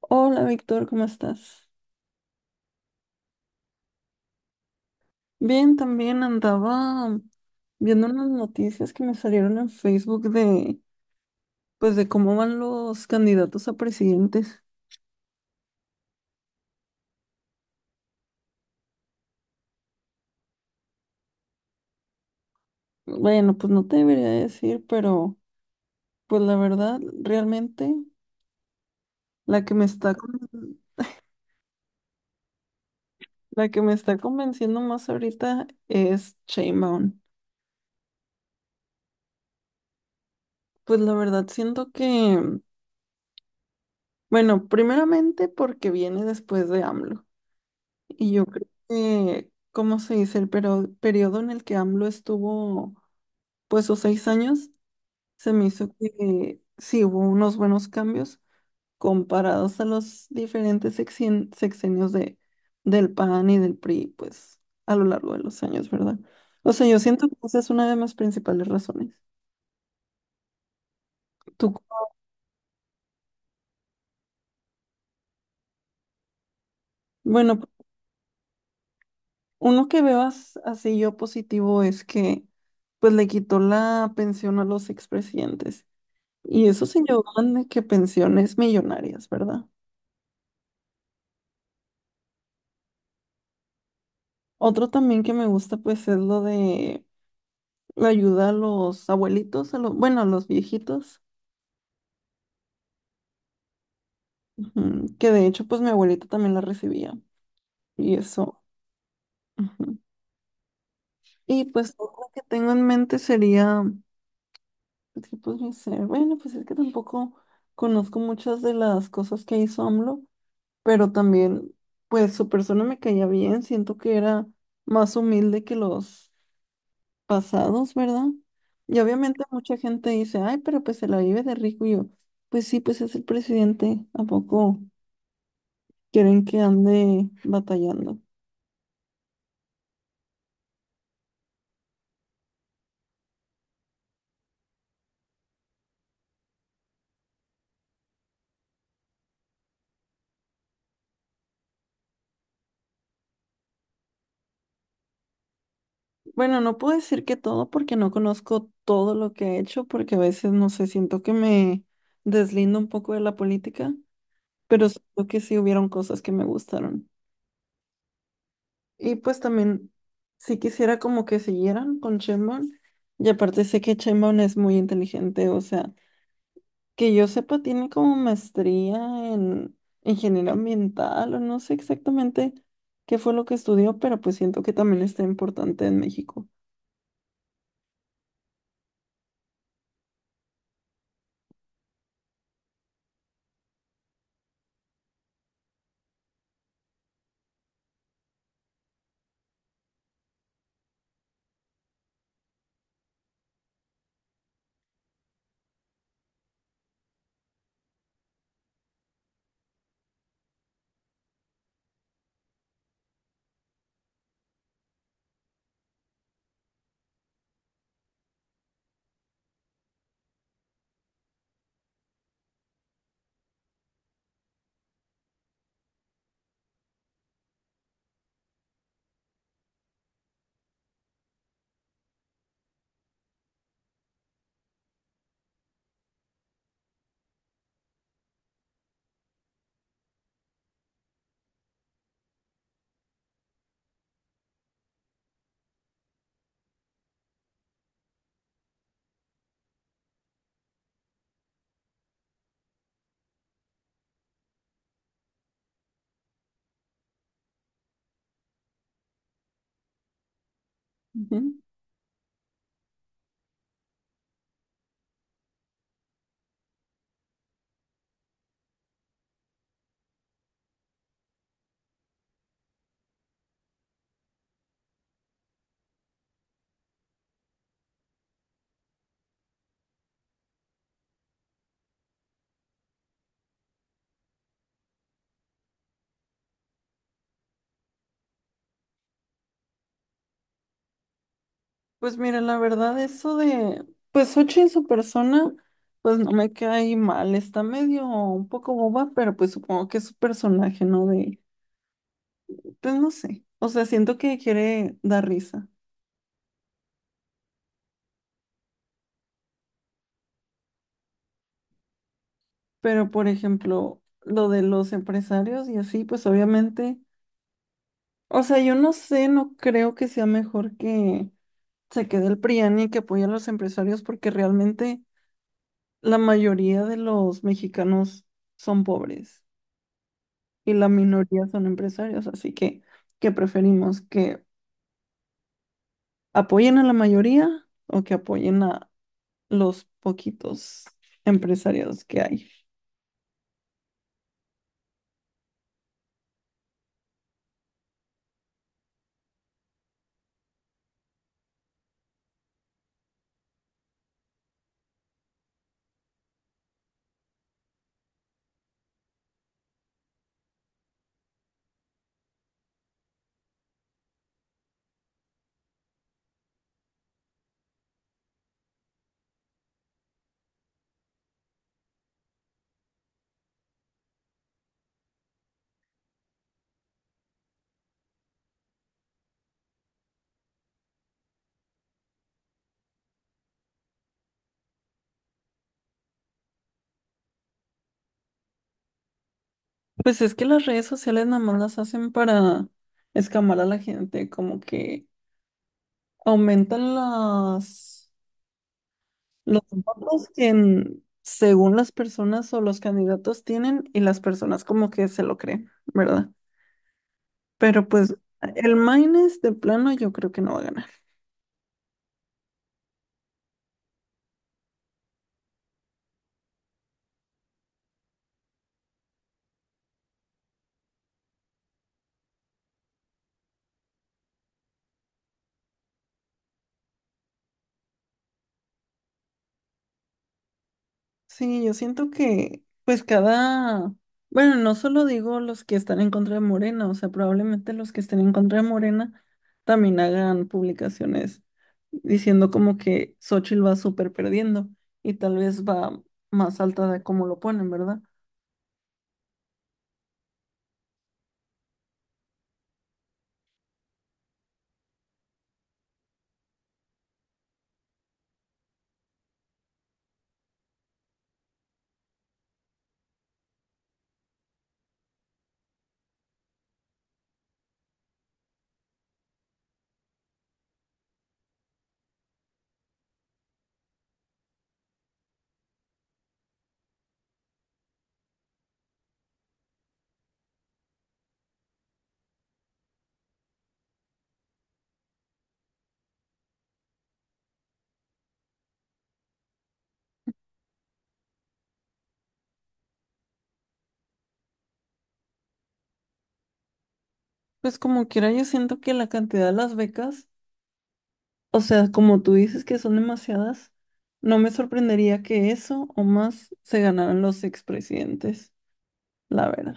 Hola Víctor, ¿cómo estás? Bien, también andaba viendo unas noticias que me salieron en Facebook de, pues, de cómo van los candidatos a presidentes. Bueno, pues no te debería decir, pero pues la verdad, realmente la que me está, con- la que me está convenciendo más ahorita es Sheinbaum. Pues la verdad siento que, bueno, primeramente porque viene después de AMLO. Y yo creo que, ¿cómo se dice? El periodo en el que AMLO estuvo, pues, los 6 años, se me hizo que sí hubo unos buenos cambios comparados a los diferentes sexenios de, del PAN y del PRI, pues, a lo largo de los años, ¿verdad? O sea, yo siento que esa es una de mis principales razones. Tú, bueno, uno que veo así yo positivo es que, pues, le quitó la pensión a los expresidentes. Y eso se llevan de que pensiones millonarias, ¿verdad? Otro también que me gusta, pues, es lo de la ayuda a los abuelitos, a los, bueno, a los viejitos, ujú, que de hecho, pues, mi abuelita también la recibía. Y eso. Ujú. Y pues, otro que tengo en mente sería, pues, ¿qué podría ser? Bueno, pues es que tampoco conozco muchas de las cosas que hizo AMLO, pero también, pues, su persona me caía bien, siento que era más humilde que los pasados, ¿verdad? Y obviamente mucha gente dice, ay, pero pues se la vive de rico. Y yo, pues sí, pues es el presidente, ¿a poco quieren que ande batallando? Bueno, no puedo decir que todo porque no conozco todo lo que ha hecho, porque a veces, no sé, siento que me deslindo un poco de la política, pero siento que sí hubieron cosas que me gustaron. Y pues también, sí quisiera como que siguieran con Sheinbaum, y aparte sé que Sheinbaum es muy inteligente, o sea. Que yo sepa, tiene como maestría en ingeniería ambiental o no sé exactamente qué fue lo que estudió, pero pues siento que también está importante en México. Ujú. Pues mira, la verdad, eso de, pues Xochitl en su persona, pues no me cae mal, está medio un poco boba, pero pues supongo que es su personaje, ¿no? De, pues no sé, o sea, siento que quiere dar risa, pero por ejemplo, lo de los empresarios y así, pues obviamente... O sea, yo no sé, no creo que sea mejor que se quede el PRIAN y que apoye a los empresarios porque realmente la mayoría de los mexicanos son pobres y la minoría son empresarios, así que ¿qué preferimos? ¿Que apoyen a la mayoría o que apoyen a los poquitos empresarios que hay? Pues es que las redes sociales nada más las hacen para escamar a la gente, como que aumentan las... Los votos que según las personas o los candidatos tienen y las personas como que se lo creen, ¿verdad? Pero pues el Maines de plano yo creo que no va a ganar. Sí, yo siento que pues no solo digo los que están en contra de Morena, o sea, probablemente los que estén en contra de Morena también hagan publicaciones diciendo como que Xochitl va súper perdiendo y tal vez va más alta de como lo ponen, ¿verdad? Pues como quiera, yo siento que la cantidad de las becas, o sea, como tú dices que son demasiadas, no me sorprendería que eso o más se ganaran los expresidentes, la verdad.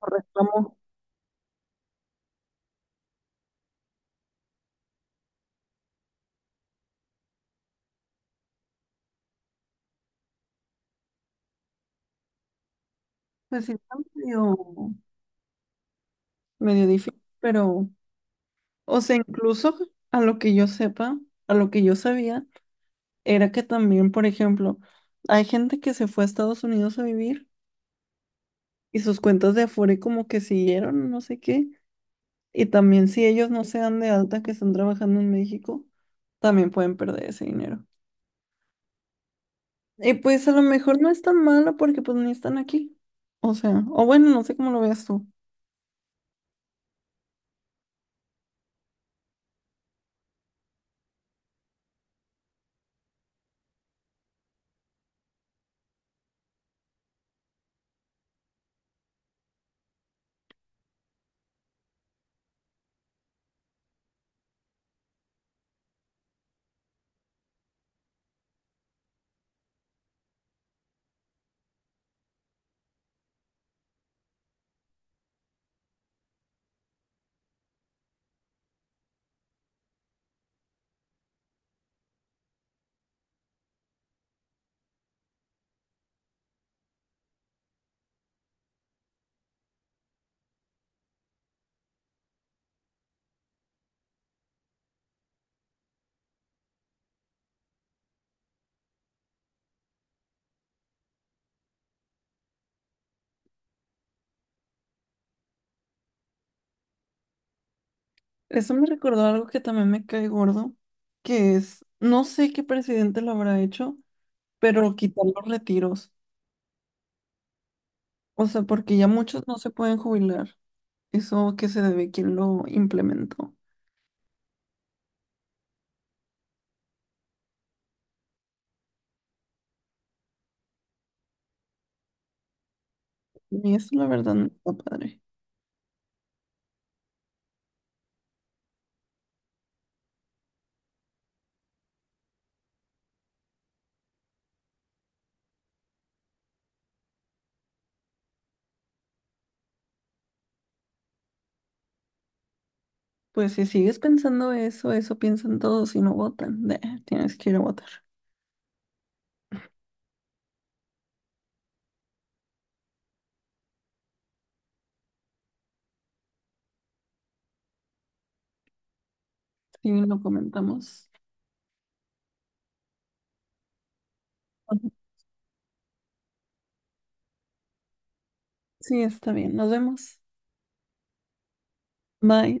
Correcto. Como... Pues sí, está medio, medio difícil, pero, o sea, incluso a lo que yo sepa, a lo que yo sabía, era que también, por ejemplo, hay gente que se fue a Estados Unidos a vivir y sus cuentas de Afore como que siguieron, no sé qué. Y también si ellos no se dan de alta que están trabajando en México, también pueden perder ese dinero. Y pues a lo mejor no es tan malo porque pues ni están aquí. O sea, o bueno, no sé cómo lo veas tú. Eso me recordó algo que también me cae gordo, que es, no sé qué presidente lo habrá hecho, pero quitar los retiros. O sea, porque ya muchos no se pueden jubilar. Eso que se debe quién lo implementó. Y eso la verdad no está padre. Pues si sigues pensando eso, eso piensan todos y no votan. Nah, tienes que ir a votar. Sí, lo comentamos. Ujú. Sí, está bien. Nos vemos. Bye.